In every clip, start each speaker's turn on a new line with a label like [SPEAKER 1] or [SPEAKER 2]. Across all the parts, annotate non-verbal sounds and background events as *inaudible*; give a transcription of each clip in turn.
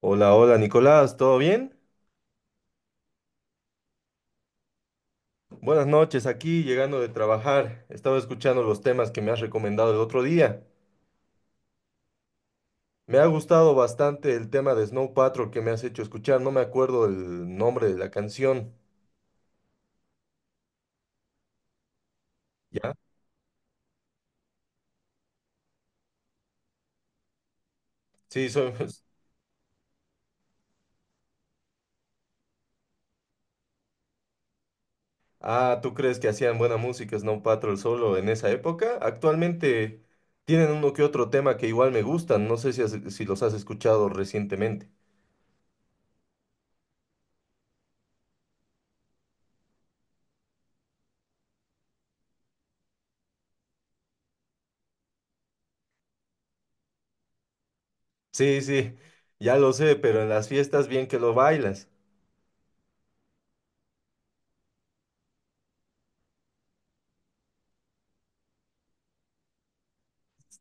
[SPEAKER 1] Hola, hola Nicolás, ¿todo bien? Buenas noches, aquí llegando de trabajar. Estaba escuchando los temas que me has recomendado el otro día. Me ha gustado bastante el tema de Snow Patrol que me has hecho escuchar. No me acuerdo el nombre de la canción. ¿Ya? Sí, soy... *laughs* Ah, ¿tú crees que hacían buena música Snow Patrol solo en esa época? Actualmente tienen uno que otro tema que igual me gustan. No sé si, si los has escuchado recientemente. Sí, sí, ya lo sé, pero en las fiestas bien que lo bailas.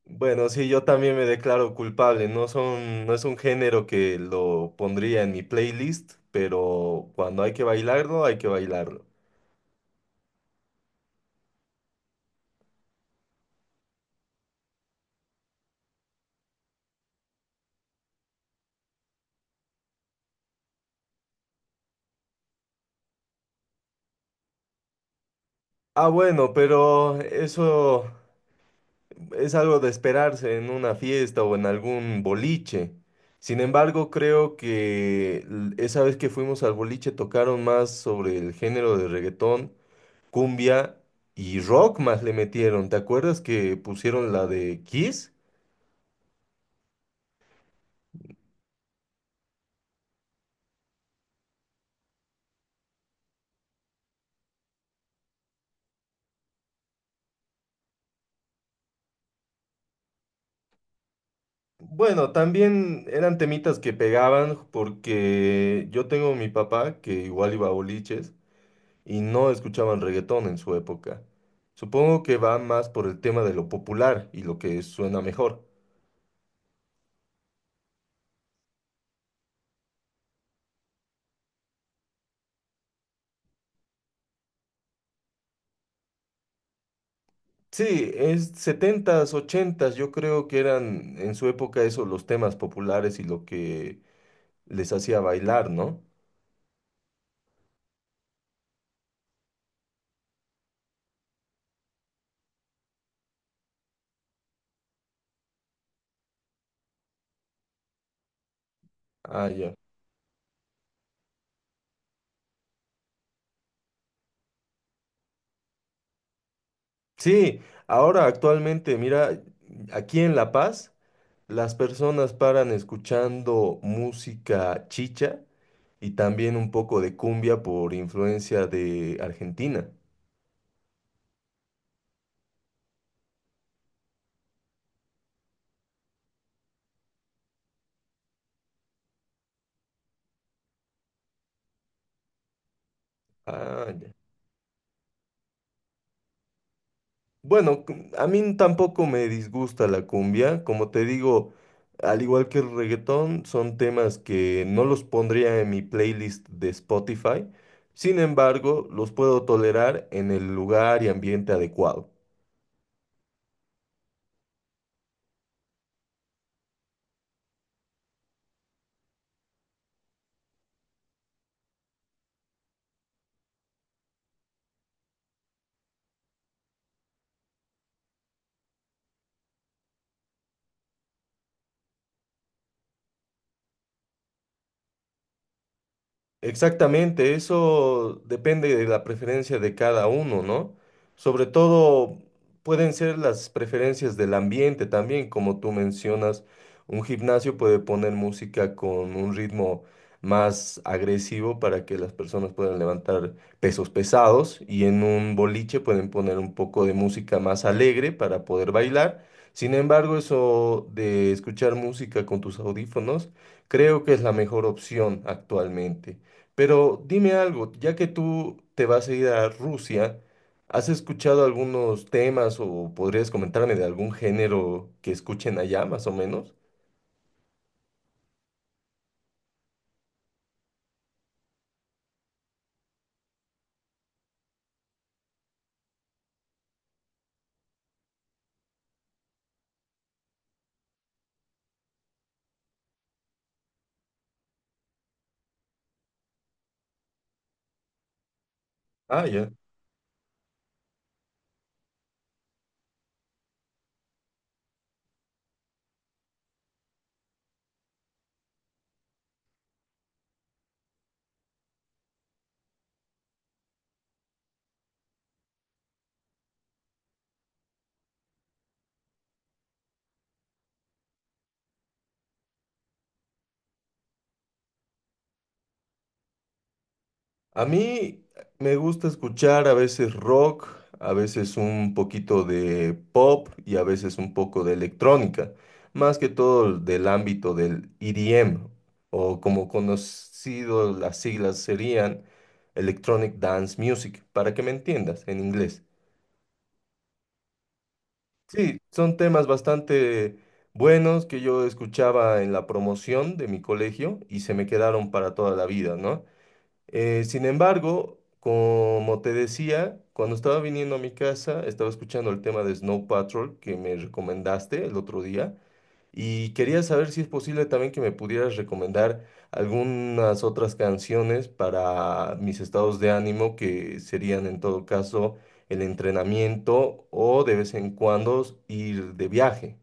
[SPEAKER 1] Bueno, sí, yo también me declaro culpable. No son, no es un género que lo pondría en mi playlist, pero cuando hay que bailarlo, hay que bailarlo. Ah, bueno, pero eso es algo de esperarse en una fiesta o en algún boliche. Sin embargo, creo que esa vez que fuimos al boliche tocaron más sobre el género de reggaetón, cumbia y rock más le metieron. ¿Te acuerdas que pusieron la de Kiss? Bueno, también eran temitas que pegaban porque yo tengo mi papá que igual iba a boliches y no escuchaban reggaetón en su época. Supongo que va más por el tema de lo popular y lo que suena mejor. Sí, es setentas, ochentas, yo creo que eran en su época eso los temas populares y lo que les hacía bailar, ¿no? Ah, ya. Sí, ahora actualmente, mira, aquí en La Paz. Las personas paran escuchando música chicha y también un poco de cumbia por influencia de Argentina. Ah, ya. Bueno, a mí tampoco me disgusta la cumbia. Como te digo, al igual que el reggaetón, son temas que no los pondría en mi playlist de Spotify. Sin embargo, los puedo tolerar en el lugar y ambiente adecuado. Exactamente, eso depende de la preferencia de cada uno, ¿no? Sobre todo pueden ser las preferencias del ambiente también, como tú mencionas, un gimnasio puede poner música con un ritmo más agresivo para que las personas puedan levantar pesos pesados y en un boliche pueden poner un poco de música más alegre para poder bailar. Sin embargo, eso de escuchar música con tus audífonos, creo que es la mejor opción actualmente. Pero dime algo, ya que tú te vas a ir a Rusia, ¿has escuchado algunos temas o podrías comentarme de algún género que escuchen allá, más o menos? Ah, ya. A mí me gusta escuchar a veces rock, a veces un poquito de pop y a veces un poco de electrónica, más que todo del ámbito del EDM, o como conocido las siglas serían Electronic Dance Music, para que me entiendas en inglés. Sí, son temas bastante buenos que yo escuchaba en la promoción de mi colegio y se me quedaron para toda la vida, ¿no? Sin embargo, como te decía, cuando estaba viniendo a mi casa, estaba escuchando el tema de Snow Patrol que me recomendaste el otro día y quería saber si es posible también que me pudieras recomendar algunas otras canciones para mis estados de ánimo, que serían en todo caso el entrenamiento o de vez en cuando ir de viaje.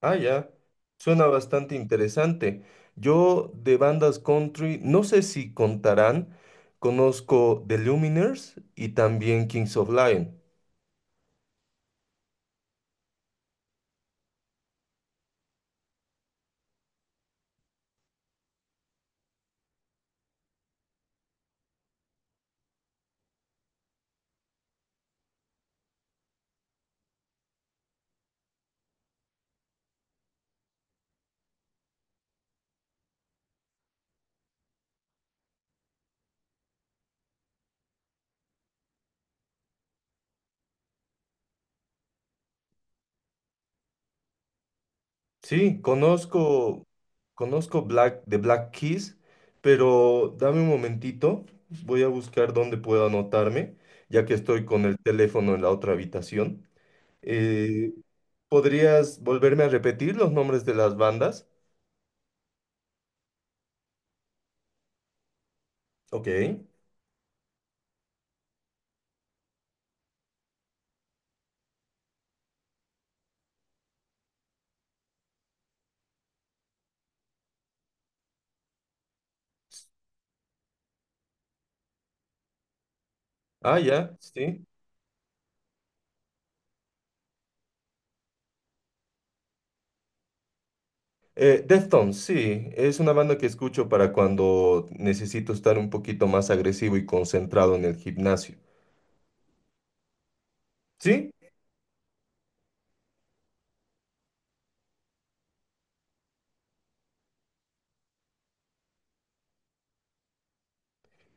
[SPEAKER 1] Ah, ya. Suena bastante interesante. Yo de bandas country, no sé si contarán, conozco The Lumineers y también Kings of Lion. Sí, conozco, conozco Black, de Black Keys, pero dame un momentito, voy a buscar dónde puedo anotarme, ya que estoy con el teléfono en la otra habitación. Eh, ¿Podrías volverme a repetir los nombres de las bandas? Ok. Ah, ya, sí. Deftones, sí, es una banda que escucho para cuando necesito estar un poquito más agresivo y concentrado en el gimnasio. ¿Sí?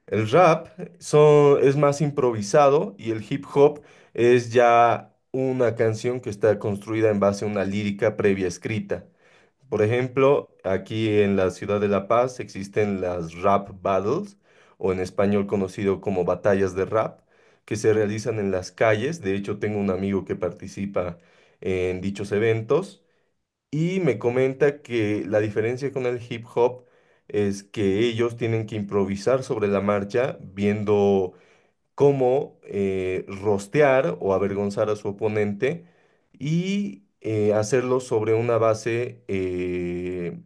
[SPEAKER 1] El rap son, es más improvisado y el hip hop es ya una canción que está construida en base a una lírica previa escrita. Por ejemplo, aquí en la ciudad de La Paz existen las rap battles, o en español conocido como batallas de rap, que se realizan en las calles. De hecho, tengo un amigo que participa en dichos eventos. Y me comenta que la diferencia con el hip hop es que ellos tienen que improvisar sobre la marcha, viendo cómo rostear o avergonzar a su oponente y hacerlo sobre una base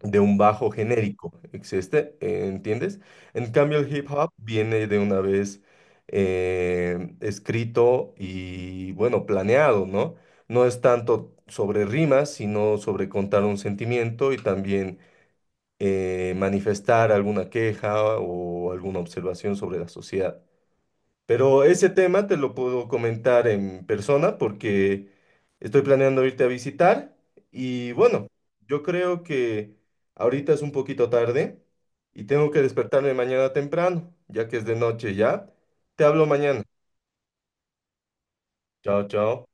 [SPEAKER 1] de un bajo genérico, existe, ¿entiendes? En cambio, el hip hop viene de una vez escrito y, bueno, planeado, ¿no? No es tanto sobre rimas, sino sobre contar un sentimiento y también manifestar alguna queja o alguna observación sobre la sociedad. Pero ese tema te lo puedo comentar en persona porque estoy planeando irte a visitar y bueno, yo creo que ahorita es un poquito tarde y tengo que despertarme mañana temprano, ya que es de noche ya. Te hablo mañana. Chao, chao.